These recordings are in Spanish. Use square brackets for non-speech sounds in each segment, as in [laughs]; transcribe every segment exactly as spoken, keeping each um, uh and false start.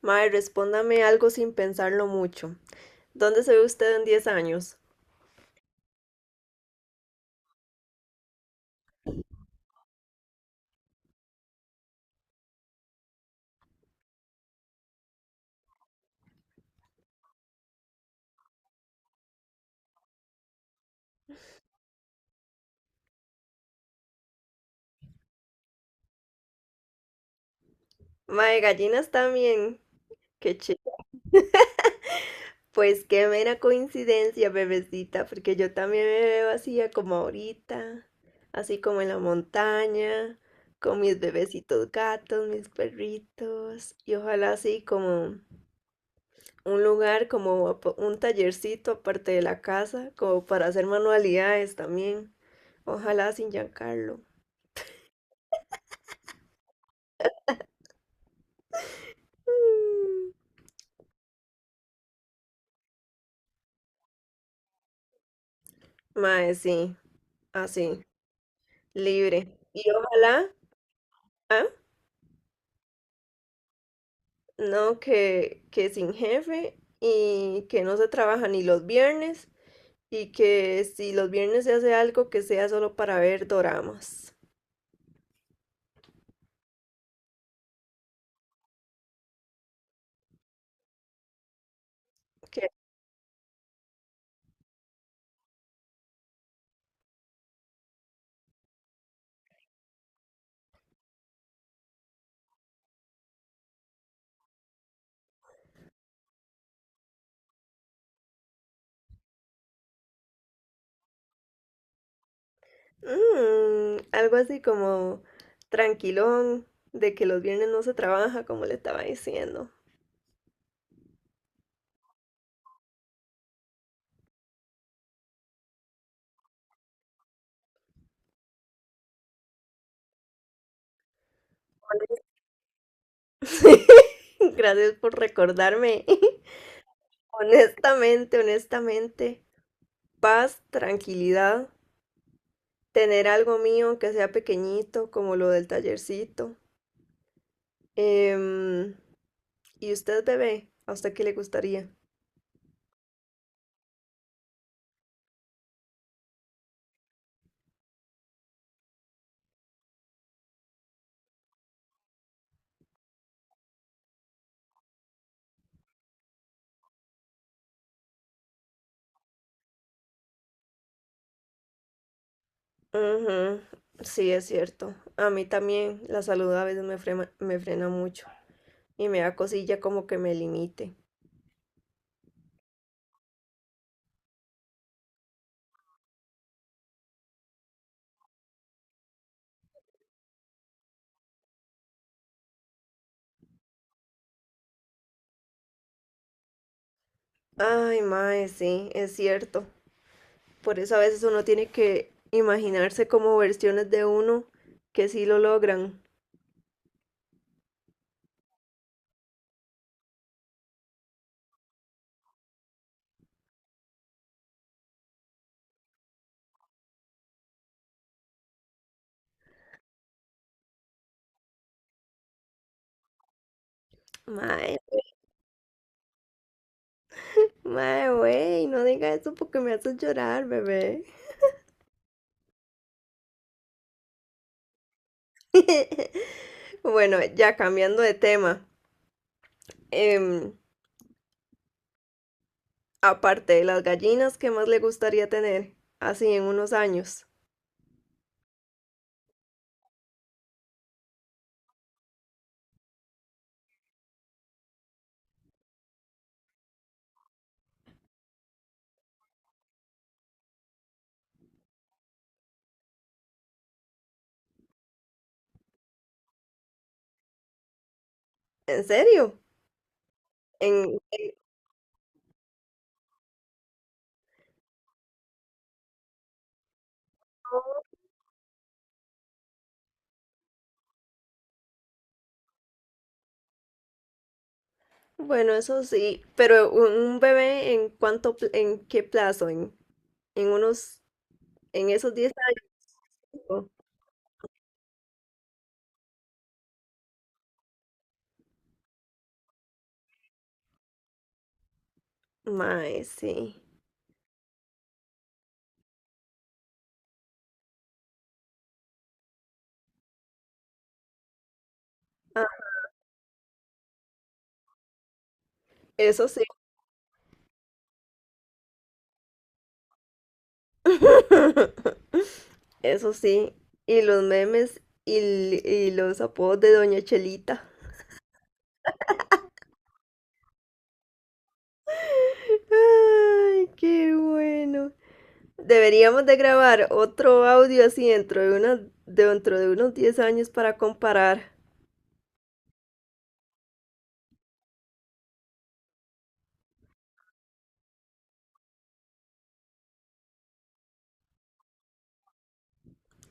Mae, respóndame algo sin pensarlo mucho. ¿Dónde se ve usted en diez años? Mae, gallinas también. Qué chido. Pues qué mera coincidencia, bebecita, porque yo también me veo así a como ahorita, así como en la montaña, con mis bebecitos gatos, mis perritos, y ojalá así como un lugar, como ap- un tallercito aparte de la casa, como para hacer manualidades también. Ojalá sin Giancarlo. Mm. Mae, sí, así, libre. Y ojalá, ah, no, que, que sin jefe y que no se trabaja ni los viernes y que si los viernes se hace algo que sea solo para ver doramas. Que, mm, algo así como tranquilón, de que los viernes no se trabaja, como le estaba diciendo. Honest- [laughs] Gracias por recordarme. [laughs] Honestamente, honestamente, paz, tranquilidad. Tener algo mío que sea pequeñito, como lo del tallercito. Em, ¿y usted, bebé? ¿A usted qué le gustaría? Ujú. Sí, es cierto. A mí también la salud a veces me frena, me frena mucho y me da cosilla como que me limite. Ay, mae, sí, es cierto. Por eso a veces uno tiene que imaginarse como versiones de uno que sí lo logran. Mae, mae, güey, no diga eso porque me haces llorar, bebé. [laughs] Bueno, ya cambiando de tema, em, aparte de las gallinas, ¿qué más le gustaría tener así en unos años? ¿En serio? En, en- bueno, eso sí, pero un un bebé en cuánto, pl- en qué plazo, en, en unos, en esos diez años. ¿No? Mae, sí. Ah, eso sí, [laughs] eso sí. Y los memes y, l- y los apodos de Doña Chelita. [laughs] Ay, qué bueno. Deberíamos de grabar otro audio así dentro de unos, dentro de unos diez años para comparar.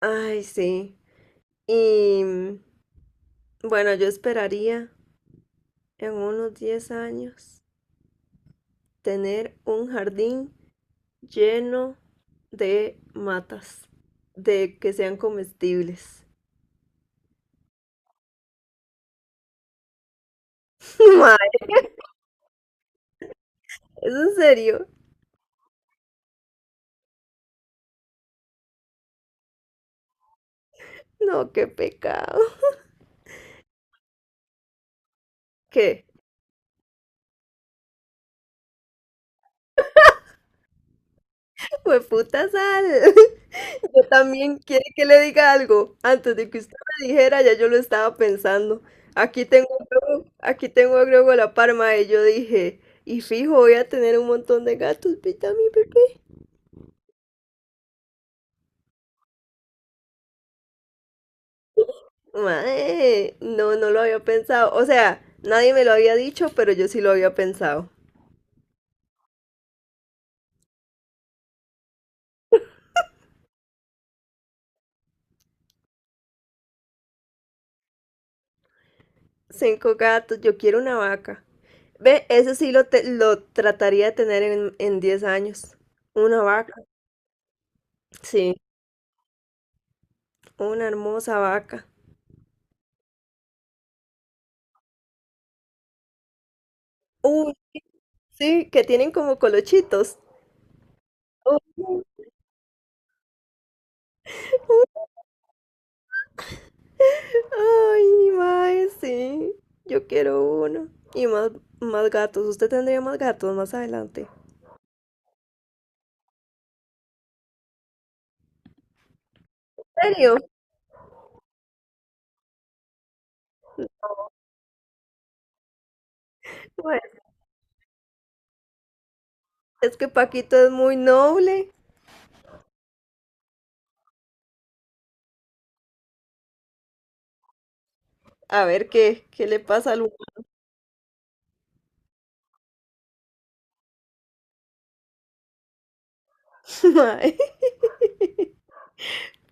Ay, sí. Y mm, bueno, yo esperaría en unos diez años tener un jardín lleno de matas, de que sean comestibles. [laughs] Mae, ¿es en serio? No, qué pecado. ¿Qué? Fue puta sal. [laughs] Yo también, ¿quiere que le diga algo? Antes de que usted me dijera, ya yo lo estaba pensando. Aquí tengo a Grogu, aquí tengo a Grogu a la parma y yo dije, y fijo, voy a tener un montón de gatos, ¿viste a mi bebé? Mae, no, no lo había pensado. O sea, nadie me lo había dicho, pero yo sí lo había pensado. Cinco gatos, yo quiero una vaca. Ve, eso sí lo, te- lo trataría de tener en, en diez años. Una vaca, sí, una hermosa vaca. Sí, que tienen como colochitos. Ujú. Ay, mae, sí. Yo quiero uno. Y más, más gatos. Usted tendría más gatos más adelante. ¿En serio? Bueno, es que Paquito es muy noble. A ver qué, qué le pasa al humano. [laughs] Mae.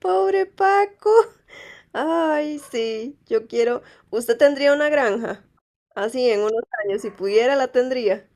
Pobre Paco. Ay, sí. Yo quiero. Usted tendría una granja. Así en unos años, si pudiera, la tendría.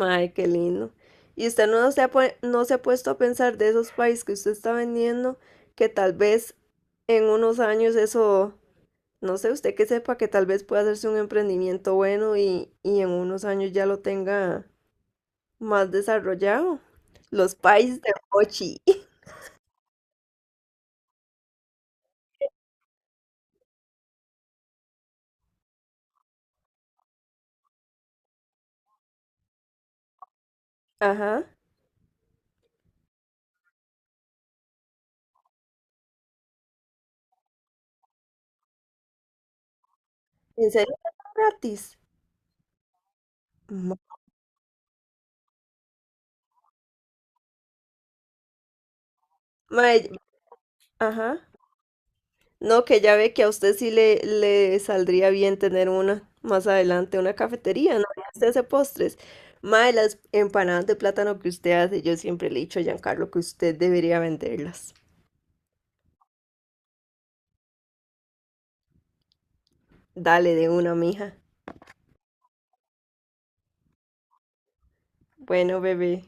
Ay, qué lindo. ¿Y usted no se ha, pue- no se ha puesto a pensar de esos países que usted está vendiendo, que tal vez en unos años eso, no sé, usted que sepa que tal vez pueda hacerse un emprendimiento bueno y, y en unos años ya lo tenga más desarrollado? Los países de Mochi. [laughs] Ajá. ¿En serio? ¿Gratis? Ma- Mae, ajá. No, que ya ve que a usted sí le, le saldría bien tener una más adelante, una cafetería, ¿no? Ya usted hace postres. Mae, las empanadas de plátano que usted hace, yo siempre le he dicho a Giancarlo que usted debería venderlas. Dale de una, mija. Bueno, bebé.